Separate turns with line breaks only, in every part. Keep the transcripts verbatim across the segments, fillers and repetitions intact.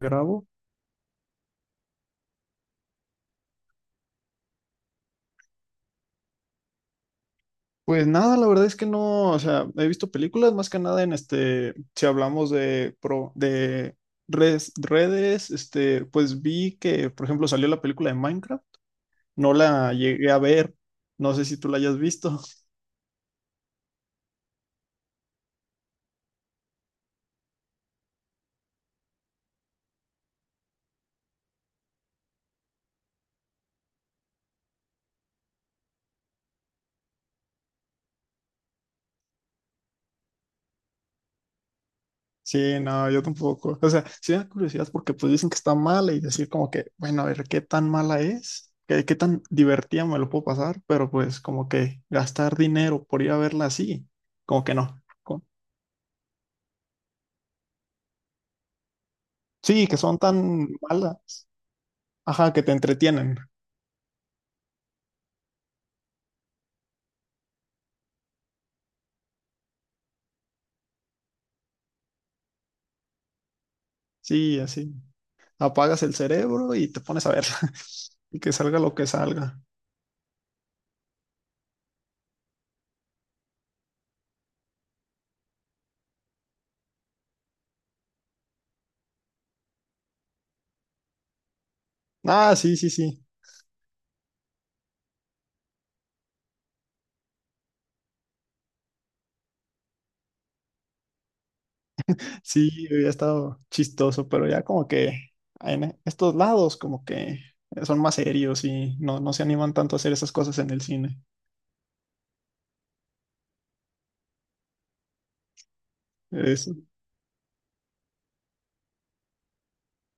Grabo. Pues nada, la verdad es que no, o sea, he visto películas más que nada en este, si hablamos de pro, de redes, redes, este, pues vi que, por ejemplo, salió la película de Minecraft, no la llegué a ver, no sé si tú la hayas visto. Sí, no, yo tampoco. O sea, sí me da curiosidad porque pues dicen que está mala y decir como que, bueno, a ver qué tan mala es, qué, qué tan divertida me lo puedo pasar, pero pues como que gastar dinero por ir a verla así, como que no. Sí, que son tan malas. Ajá, que te entretienen. Sí, así. Apagas el cerebro y te pones a verla. Y que salga lo que salga. Ah, sí, sí, sí. Sí, había estado chistoso, pero ya como que en estos lados como que son más serios y no, no se animan tanto a hacer esas cosas en el cine. Es-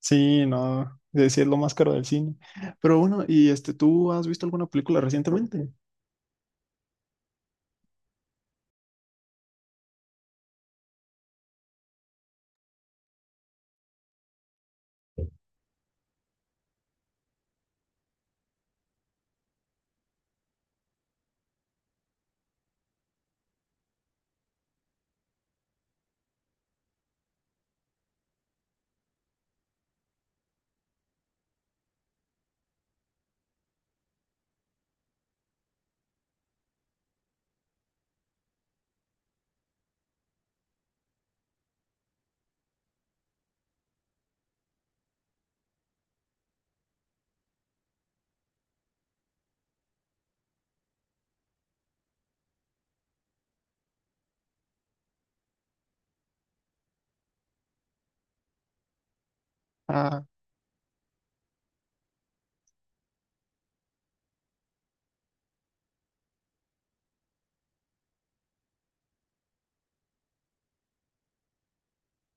sí, no, es decir, lo más caro del cine. Pero bueno, ¿y este, tú has visto alguna película recientemente? Ah.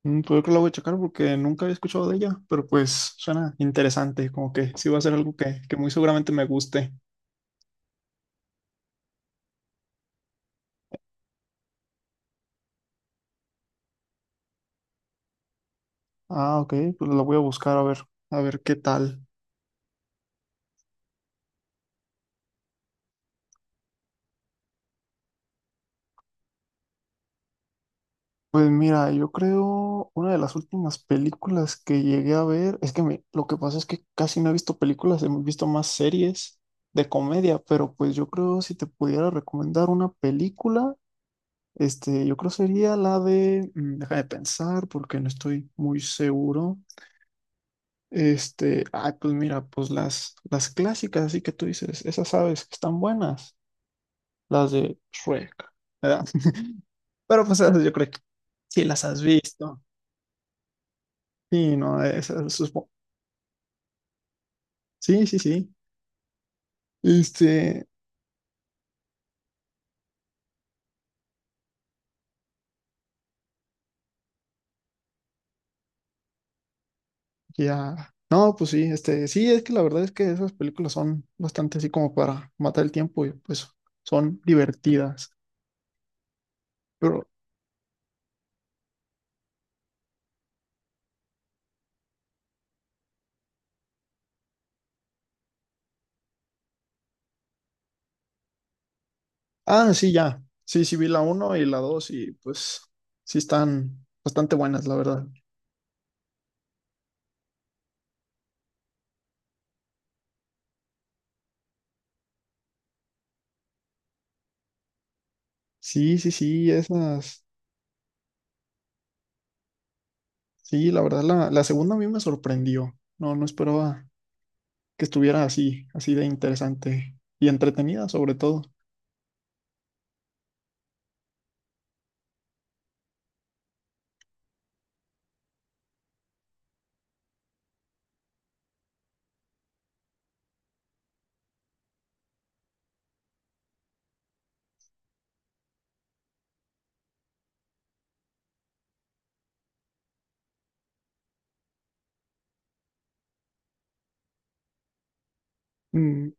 Mm, Pues yo creo que la voy a checar porque nunca había escuchado de ella, pero pues suena interesante, como que sí va a ser algo que, que muy seguramente me guste. Ah, ok, pues la voy a buscar a ver, a ver qué tal. Pues mira, yo creo una de las últimas películas que llegué a ver, es que me- lo que pasa es que casi no he visto películas, he visto más series de comedia, pero pues yo creo si te pudiera recomendar una película, este, yo creo sería la de, mm, déjame pensar porque no estoy muy seguro. Este, ay, pues mira, pues las, las clásicas, así que tú dices, esas aves que están buenas, las de Shrek, ¿verdad? Pero pues esas yo creo que sí las has visto. Sí, no, esas, supo- sí, sí, sí. Este, ya. No, pues sí, este, sí, es que la verdad es que esas películas son bastante así como para matar el tiempo y pues son divertidas. Pero, ah, sí, ya. Sí, sí vi la uno y la dos y pues sí están bastante buenas, la verdad. Sí, sí, sí, esas. Sí, la verdad, la, la segunda a mí me sorprendió. No, no esperaba que estuviera así, así de interesante y entretenida, sobre todo. Mm,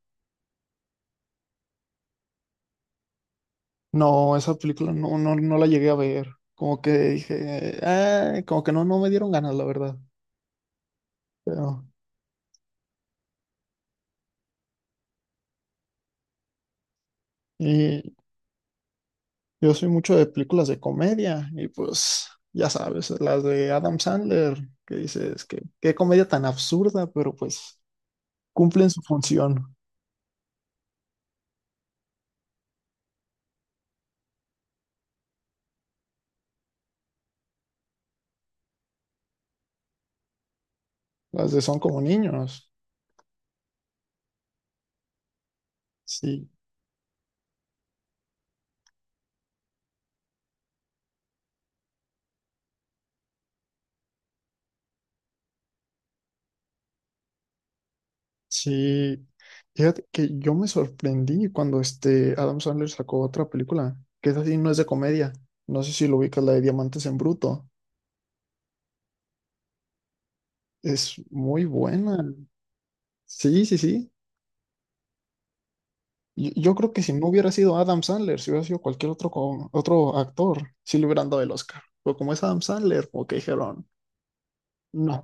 no, esa película no, no, no la llegué a ver. Como que dije, "Ah", como que no, no me dieron ganas, la verdad. Pero, y yo soy mucho de películas de comedia, y pues, ya sabes, las de Adam Sandler, que dices que qué comedia tan absurda, pero pues cumplen su función. Las de Son como niños. Sí, sí. Fíjate que yo me sorprendí cuando este Adam Sandler sacó otra película, que es así, no es de comedia. No sé si lo ubicas, la de Diamantes en Bruto. Es muy buena. Sí, sí, sí. Yo, yo creo que si no hubiera sido Adam Sandler, si hubiera sido cualquier otro, co- otro actor, sí le hubieran dado el Oscar. Pero como es Adam Sandler, como que dijeron, no,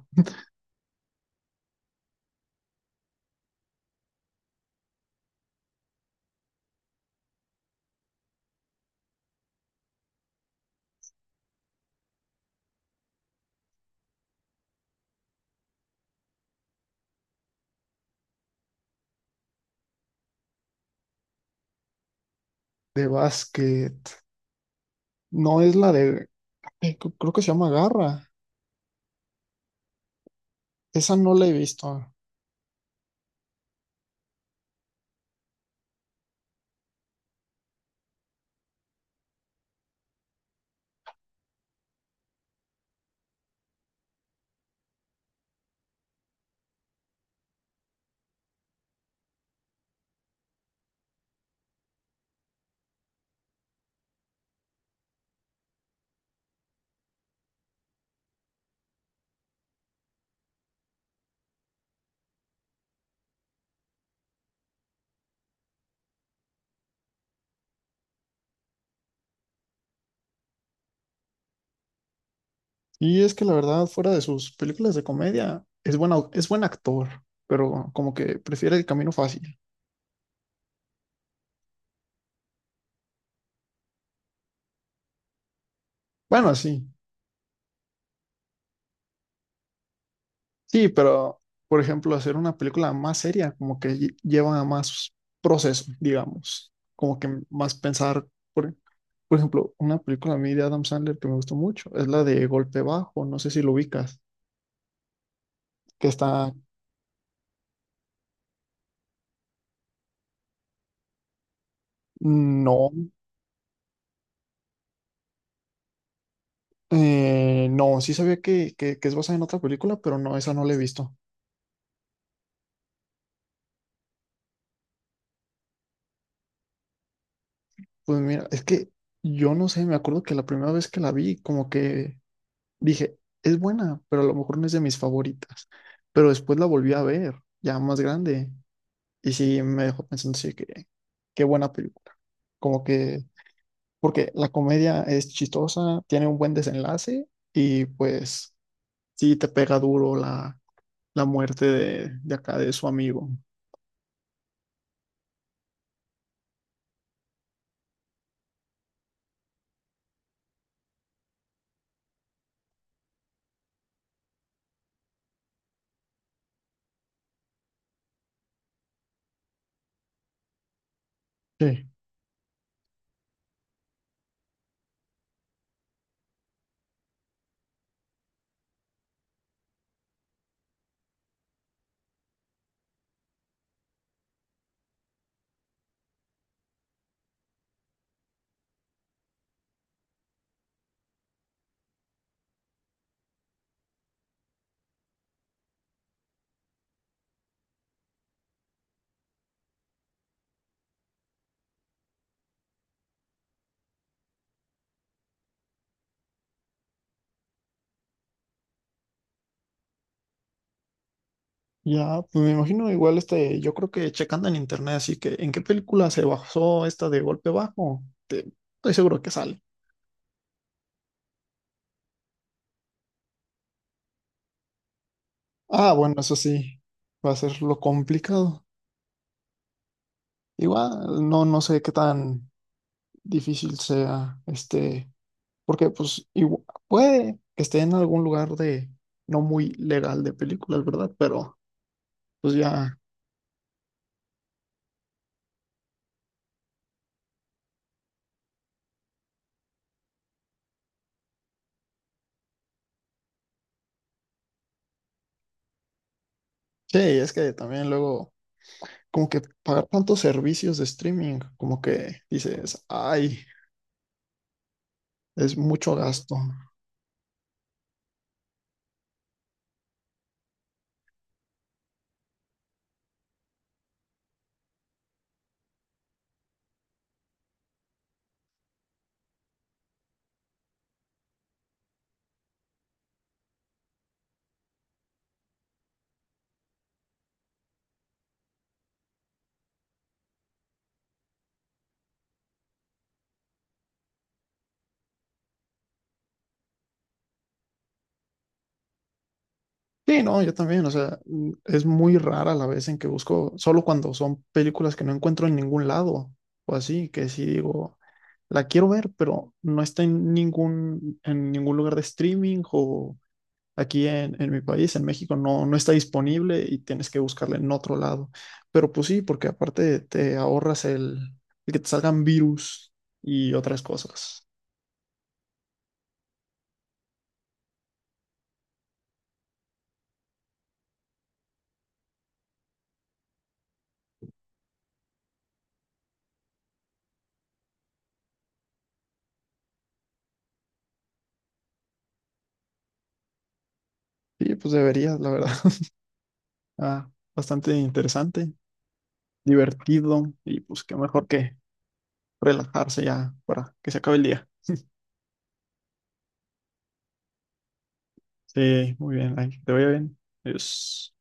de básquet. No es la de, eh, creo que se llama Garra. Esa no la he visto. Y es que la verdad, fuera de sus películas de comedia, es buena, es buen actor, pero como que prefiere el camino fácil. Bueno, sí, sí, pero por ejemplo, hacer una película más seria, como que lle- lleva a más proceso, digamos, como que más pensar. Por, por ejemplo, una película a mí de Adam Sandler que me gustó mucho es la de Golpe Bajo, no sé si lo ubicas, que está, no, eh, no, sí sabía que, que, que es basada en otra película, pero no, esa no la he visto. Pues mira, es que yo no sé, me acuerdo que la primera vez que la vi, como que dije, es buena, pero a lo mejor no es de mis favoritas. Pero después la volví a ver, ya más grande, y sí me dejó pensando, sí, que qué buena película. Como que, porque la comedia es chistosa, tiene un buen desenlace, y pues sí te pega duro la, la muerte de, de acá, de su amigo. Sí. Ya, pues me imagino igual este, yo creo que checando en internet, así que ¿en qué película se basó esta de Golpe Bajo? Te- estoy seguro que sale. Ah, bueno, eso sí, va a ser lo complicado. Igual, no, no sé qué tan difícil sea, este, porque pues igu- puede que esté en algún lugar de no muy legal de películas, ¿verdad? Pero pues ya, sí, es que también luego, como que pagar tantos servicios de streaming, como que dices, ay. Es mucho gasto. Sí, no, yo también, o sea, mm, es muy rara la vez en que busco, solo cuando son películas que no encuentro en ningún lado, o así, que sí digo, la quiero ver, pero no está en ningún, en ningún lugar de streaming o aquí en, en mi país, en México, no, no está disponible y tienes que buscarla en otro lado. Pero pues sí, porque aparte te ahorras el, el que te salgan virus y otras cosas. Sí, pues deberías, la verdad. Ah, bastante interesante. Divertido y pues qué mejor que relajarse ya para que se acabe el día. Sí, muy bien, ay, que te vaya bien. Adiós.